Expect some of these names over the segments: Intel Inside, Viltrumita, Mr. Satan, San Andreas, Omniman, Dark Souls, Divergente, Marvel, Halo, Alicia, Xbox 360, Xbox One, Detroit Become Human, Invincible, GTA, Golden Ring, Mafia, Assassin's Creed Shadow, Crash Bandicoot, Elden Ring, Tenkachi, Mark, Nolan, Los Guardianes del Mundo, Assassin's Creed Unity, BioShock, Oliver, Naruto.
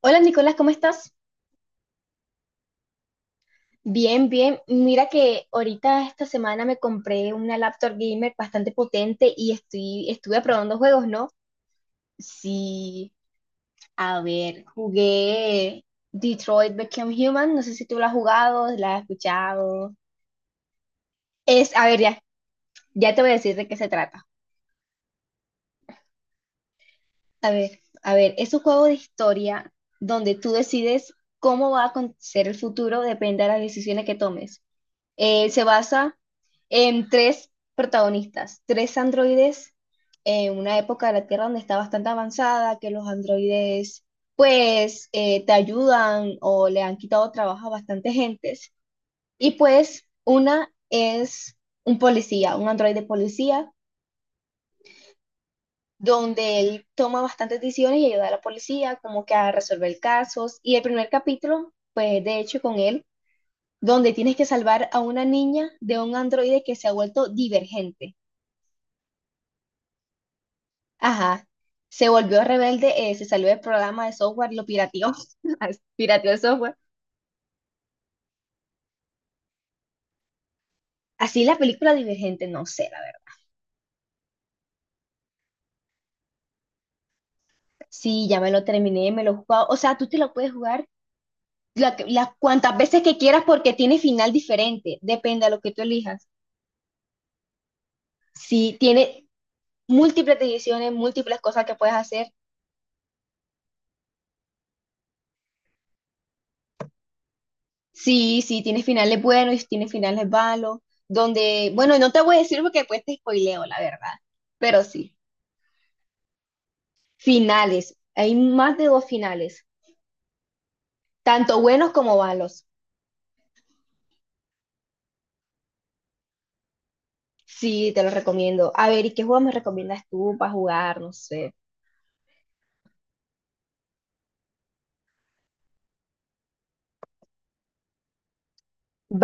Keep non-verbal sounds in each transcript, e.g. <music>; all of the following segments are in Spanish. Hola Nicolás, ¿cómo estás? Bien, bien. Mira que ahorita esta semana me compré una laptop gamer bastante potente y estuve probando juegos, ¿no? Sí, a ver, jugué Detroit Become Human, no sé si tú la has jugado, la has escuchado. A ver, ya, ya te voy a decir de qué se trata. A ver, es un juego de historia donde tú decides cómo va a acontecer el futuro, depende de las decisiones que tomes. Se basa tres protagonistas, tres androides en una época de la Tierra donde está bastante avanzada, que los androides pues te ayudan o le han quitado trabajo a bastante gentes. Y pues una es un policía, un androide policía, donde él toma bastantes decisiones y ayuda a la policía como que a resolver casos. Y el primer capítulo, pues de hecho con él, donde tienes que salvar a una niña de un androide que se ha vuelto divergente. Ajá. Se volvió rebelde, se salió del programa de software, lo pirateó, <laughs> pirateó el software. Así la película Divergente, no sé, la verdad. Sí, ya me lo terminé, me lo he jugado. O sea, tú te lo puedes jugar las cuantas veces que quieras porque tiene final diferente, depende a lo que tú elijas. Sí, tiene múltiples decisiones, múltiples cosas que puedes hacer. Sí, sí, tiene finales buenos y tiene finales malos, donde, bueno, no te voy a decir porque después te spoileo, la verdad, pero sí. Finales, hay más de dos finales, tanto buenos como malos. Sí, te los recomiendo. A ver, ¿y qué juego me recomiendas tú para jugar? No sé.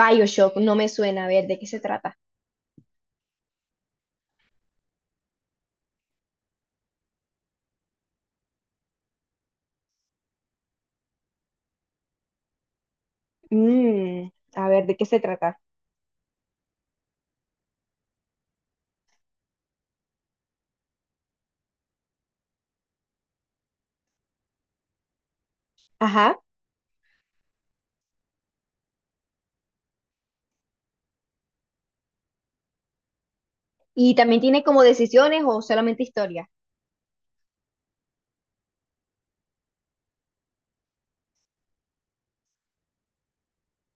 BioShock, no me suena. A ver, ¿de qué se trata? Mm, a ver, ¿de qué se trata? Ajá. Y también tiene como decisiones o solamente historia.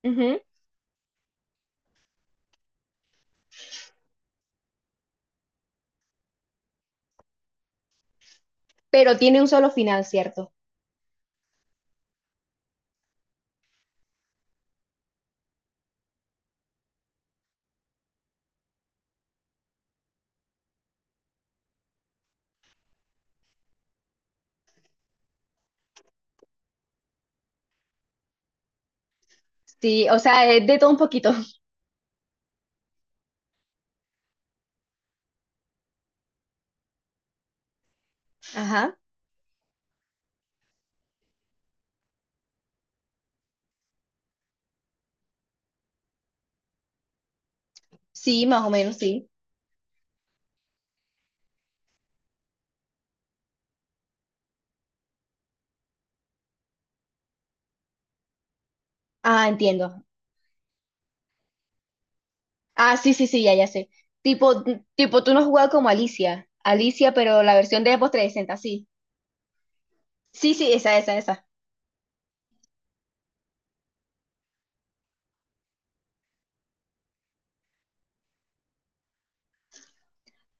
Ujú. Pero tiene un solo final, ¿cierto? Sí, o sea, es de todo un poquito. Ajá. Sí, más o menos, sí. Ah, entiendo. Ah, sí, sí, sí, ya, ya sé. Tipo, tipo, tú no has jugado como Alicia. Alicia, pero la versión de Xbox 360, sí. Sí, sí, esa, esa, esa.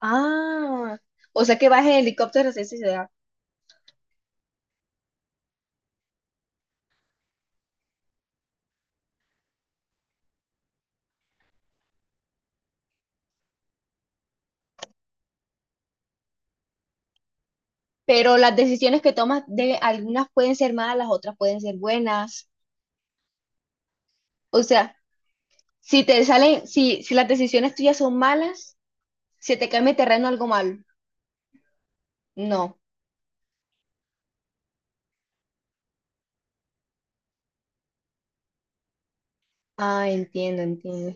Ah, o sea que vas en helicóptero hacia esa ciudad. Pero las decisiones que tomas de algunas pueden ser malas, otras pueden ser buenas. O sea, si te salen, si las decisiones tuyas son malas, se te cambia el terreno algo malo. No. Ah, entiendo, entiendo.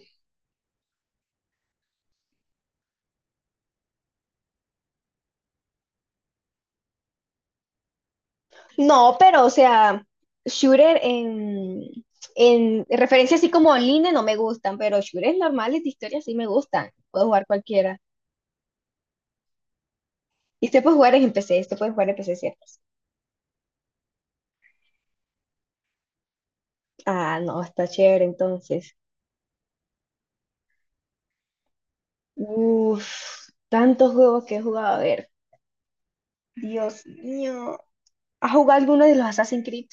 No, pero o sea, shooter en referencia así como online no me gustan, pero shooters normales de historia sí me gustan. Puedo jugar cualquiera. Y usted puede jugar en PC, usted puede jugar en PC, ¿cierto? Ah, no, está chévere entonces. Uf, tantos juegos que he jugado. A ver, Dios mío. ¿Has jugado alguno de los Assassin's Creed?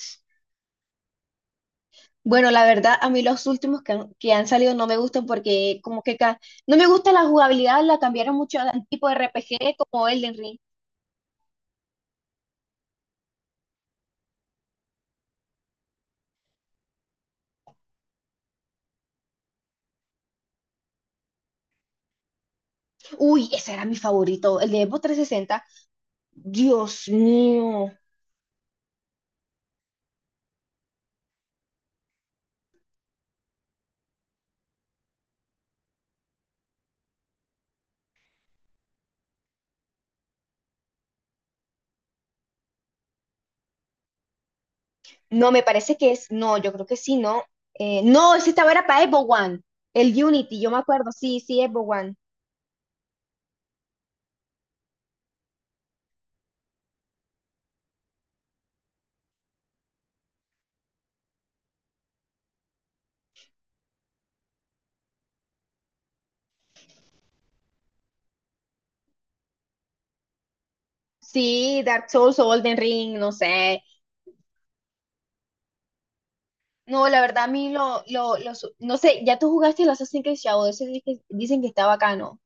Bueno, la verdad, a mí los últimos que han salido no me gustan porque como que no me gusta la jugabilidad, la cambiaron mucho al tipo de RPG como Elden Ring. Uy, ese era mi favorito, el de Xbox 360. Dios mío. No, me parece que es, no, yo creo que sí, no. No, ese estaba era para Xbox One, el Unity, yo me acuerdo, sí, sí, Xbox One. Sí, Dark Souls o Golden Ring, no sé. No, la verdad a mí no sé, ya tú jugaste el Assassin's Creed Shadow, ese dicen que está bacano.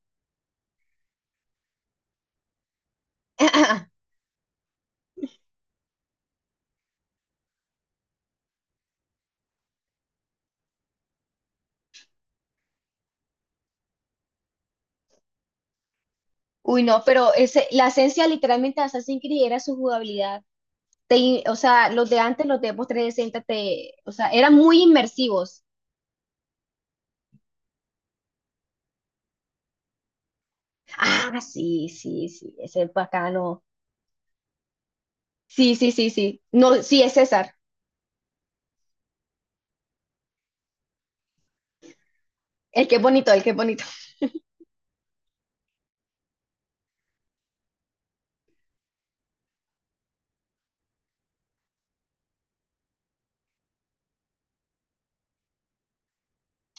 <laughs> Uy, no, pero ese, la esencia literalmente de Assassin's Creed era su jugabilidad o sea, los de antes, los de Xbox 360, o sea, eran muy inmersivos. Ah, sí, sí, sí, ese es bacano. Sí, sí, sí, sí. No, sí, es César. El que es bonito, el que es bonito.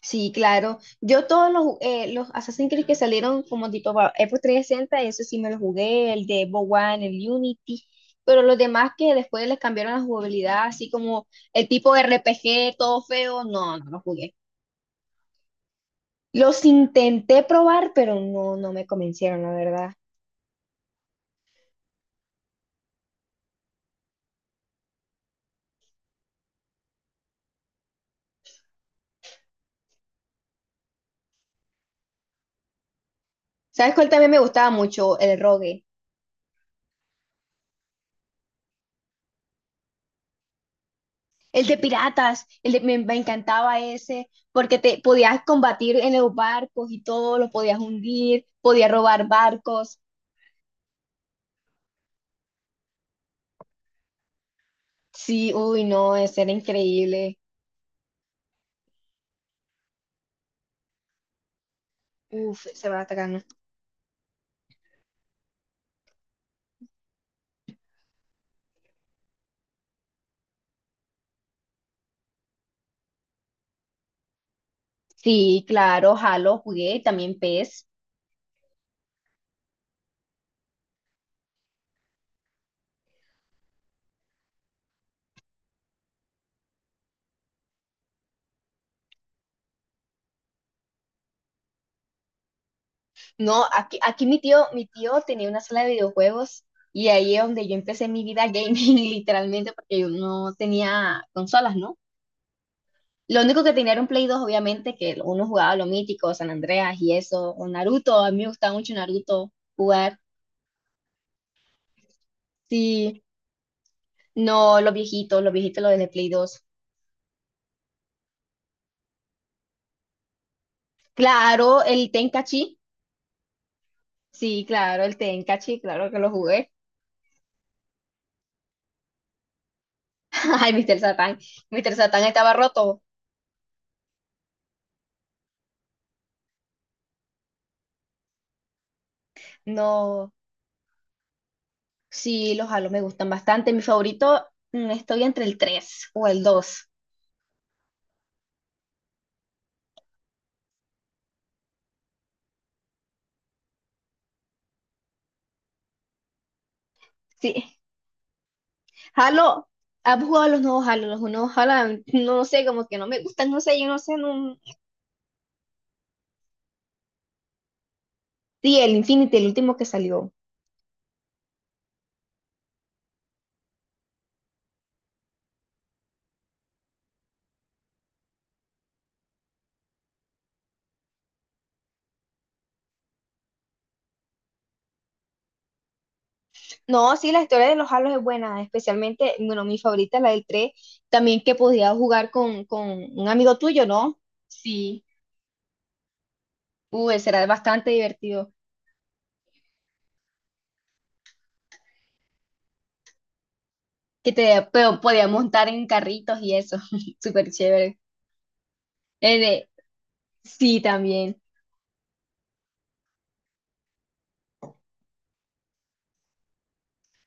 Sí, claro. Yo todos los Assassin's Creed que salieron como tipo para Xbox 360, eso sí me lo jugué, el de Xbox One, el Unity, pero los demás que después les cambiaron la jugabilidad, así como el tipo de RPG, todo feo, no, no lo jugué. Los intenté probar, pero no, no me convencieron, la verdad. ¿Sabes cuál también me gustaba mucho? El rogue. El de piratas. Me encantaba ese porque te podías combatir en los barcos y todo, lo podías hundir, podías robar barcos. Sí, uy, no, ese era increíble. Uf, se va atacando. Sí, claro, Halo jugué, también PES. No, aquí mi tío tenía una sala de videojuegos y ahí es donde yo empecé mi vida gaming, <laughs> literalmente, porque yo no tenía consolas, ¿no? Lo único que tenía era un Play 2 obviamente, que uno jugaba lo mítico, San Andreas y eso, o Naruto, a mí me gustaba mucho Naruto jugar. Sí, no, los viejitos los de Play dos. Claro, el Tenkachi, sí, claro, el Tenkachi, claro que lo jugué. <laughs> Ay, Mr. Satan, Mr. Satan estaba roto. No, sí, los Halo me gustan bastante. Mi favorito, estoy entre el 3 o el dos. Sí, Halo, ¿has jugado los nuevos Halo? Los nuevos Halo, no, no sé, como que no me gustan, no sé, yo no sé, no. Sí, el Infinity, el último que salió. No, sí, la historia de los Halos es buena, especialmente, bueno, mi favorita la del 3, también que podías jugar con un amigo tuyo, ¿no? Sí, ese era bastante divertido, que te pero podías montar en carritos y eso, <laughs> súper chévere. Eh, de- sí, también.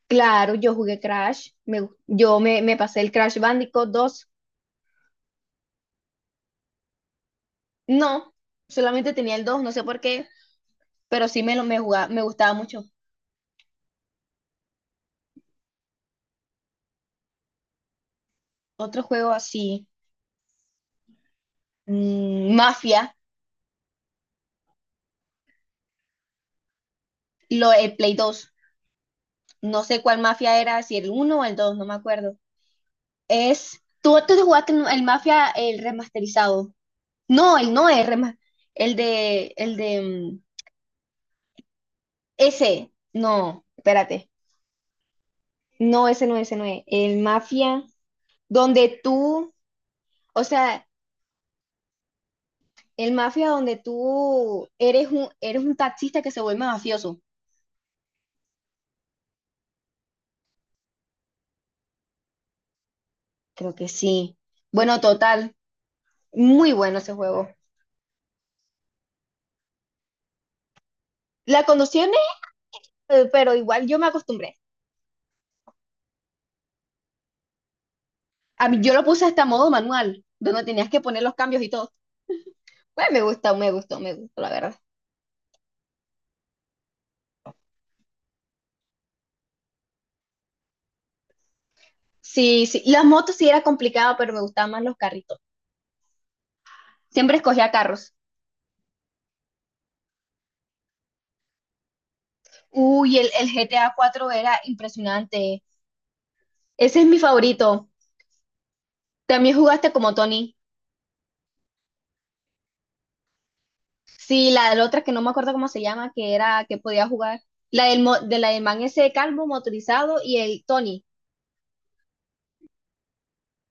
Claro, yo jugué Crash, yo me pasé el Crash Bandicoot 2, no, solamente tenía el 2, no sé por qué, pero sí jugaba, me gustaba mucho. Otro juego así, Mafia. El Play dos. No sé cuál mafia era, si el uno o el 2 no me acuerdo. Es. Tú te jugaste el mafia, el remasterizado. No, el no es rema. El de. El de. Ese. No, espérate. No, ese no es. El mafia donde tú. O sea, el mafia donde tú eres un taxista que se vuelve mafioso. Creo que sí. Bueno, total. Muy bueno ese juego. La conducción es, pero igual yo me acostumbré. A mí yo lo puse hasta modo manual, donde tenías que poner los cambios y todo. Pues me gustó, me gustó, me gustó, la verdad. Sí, sí. Las motos sí era complicado, pero me gustaban más los carritos. Siempre escogía carros. Uy, el GTA 4 era impresionante. Ese es mi favorito. También jugaste como Tony. Sí, la de la otra que no me acuerdo cómo se llama, que era que podía jugar. De la del man ese calvo motorizado y el Tony,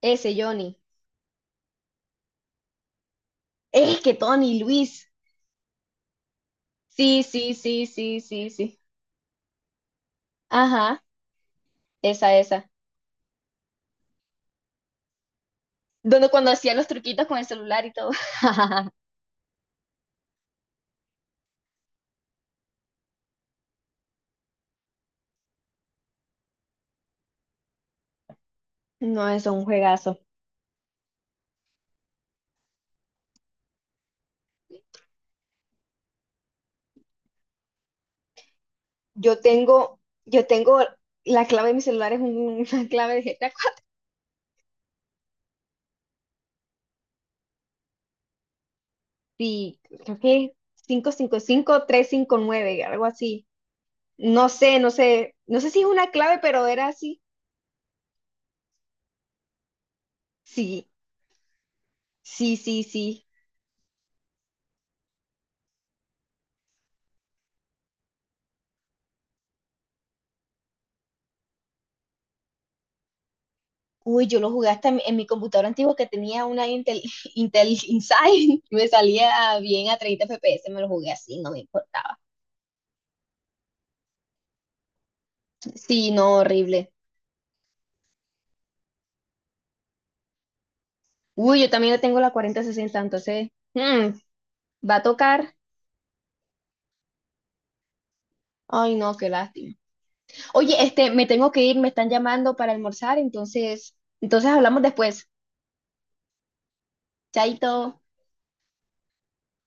ese Johnny. Es que Tony, Luis. Sí, sí, sí, sí, sí, sí. Ajá, esa, esa. Donde cuando hacía los truquitos con el celular y todo. <laughs> No, es un juegazo. Yo tengo la clave de mi celular es una <laughs> clave de GTA. Sí, creo que es cinco cinco cinco tres cinco nueve algo así. No sé, no sé, no sé si es una clave, pero era así. Sí, sí, sí, sí. Uy, yo lo jugué hasta en mi computadora antigua que tenía una Intel, <laughs> Intel Inside me salía bien a 30 FPS, me lo jugué así, no me importaba. Sí, no, horrible. Uy, yo también tengo la 4060, entonces va a tocar. Ay, no, qué lástima. Oye, este, me tengo que ir, me están llamando para almorzar, entonces hablamos después. Chaito.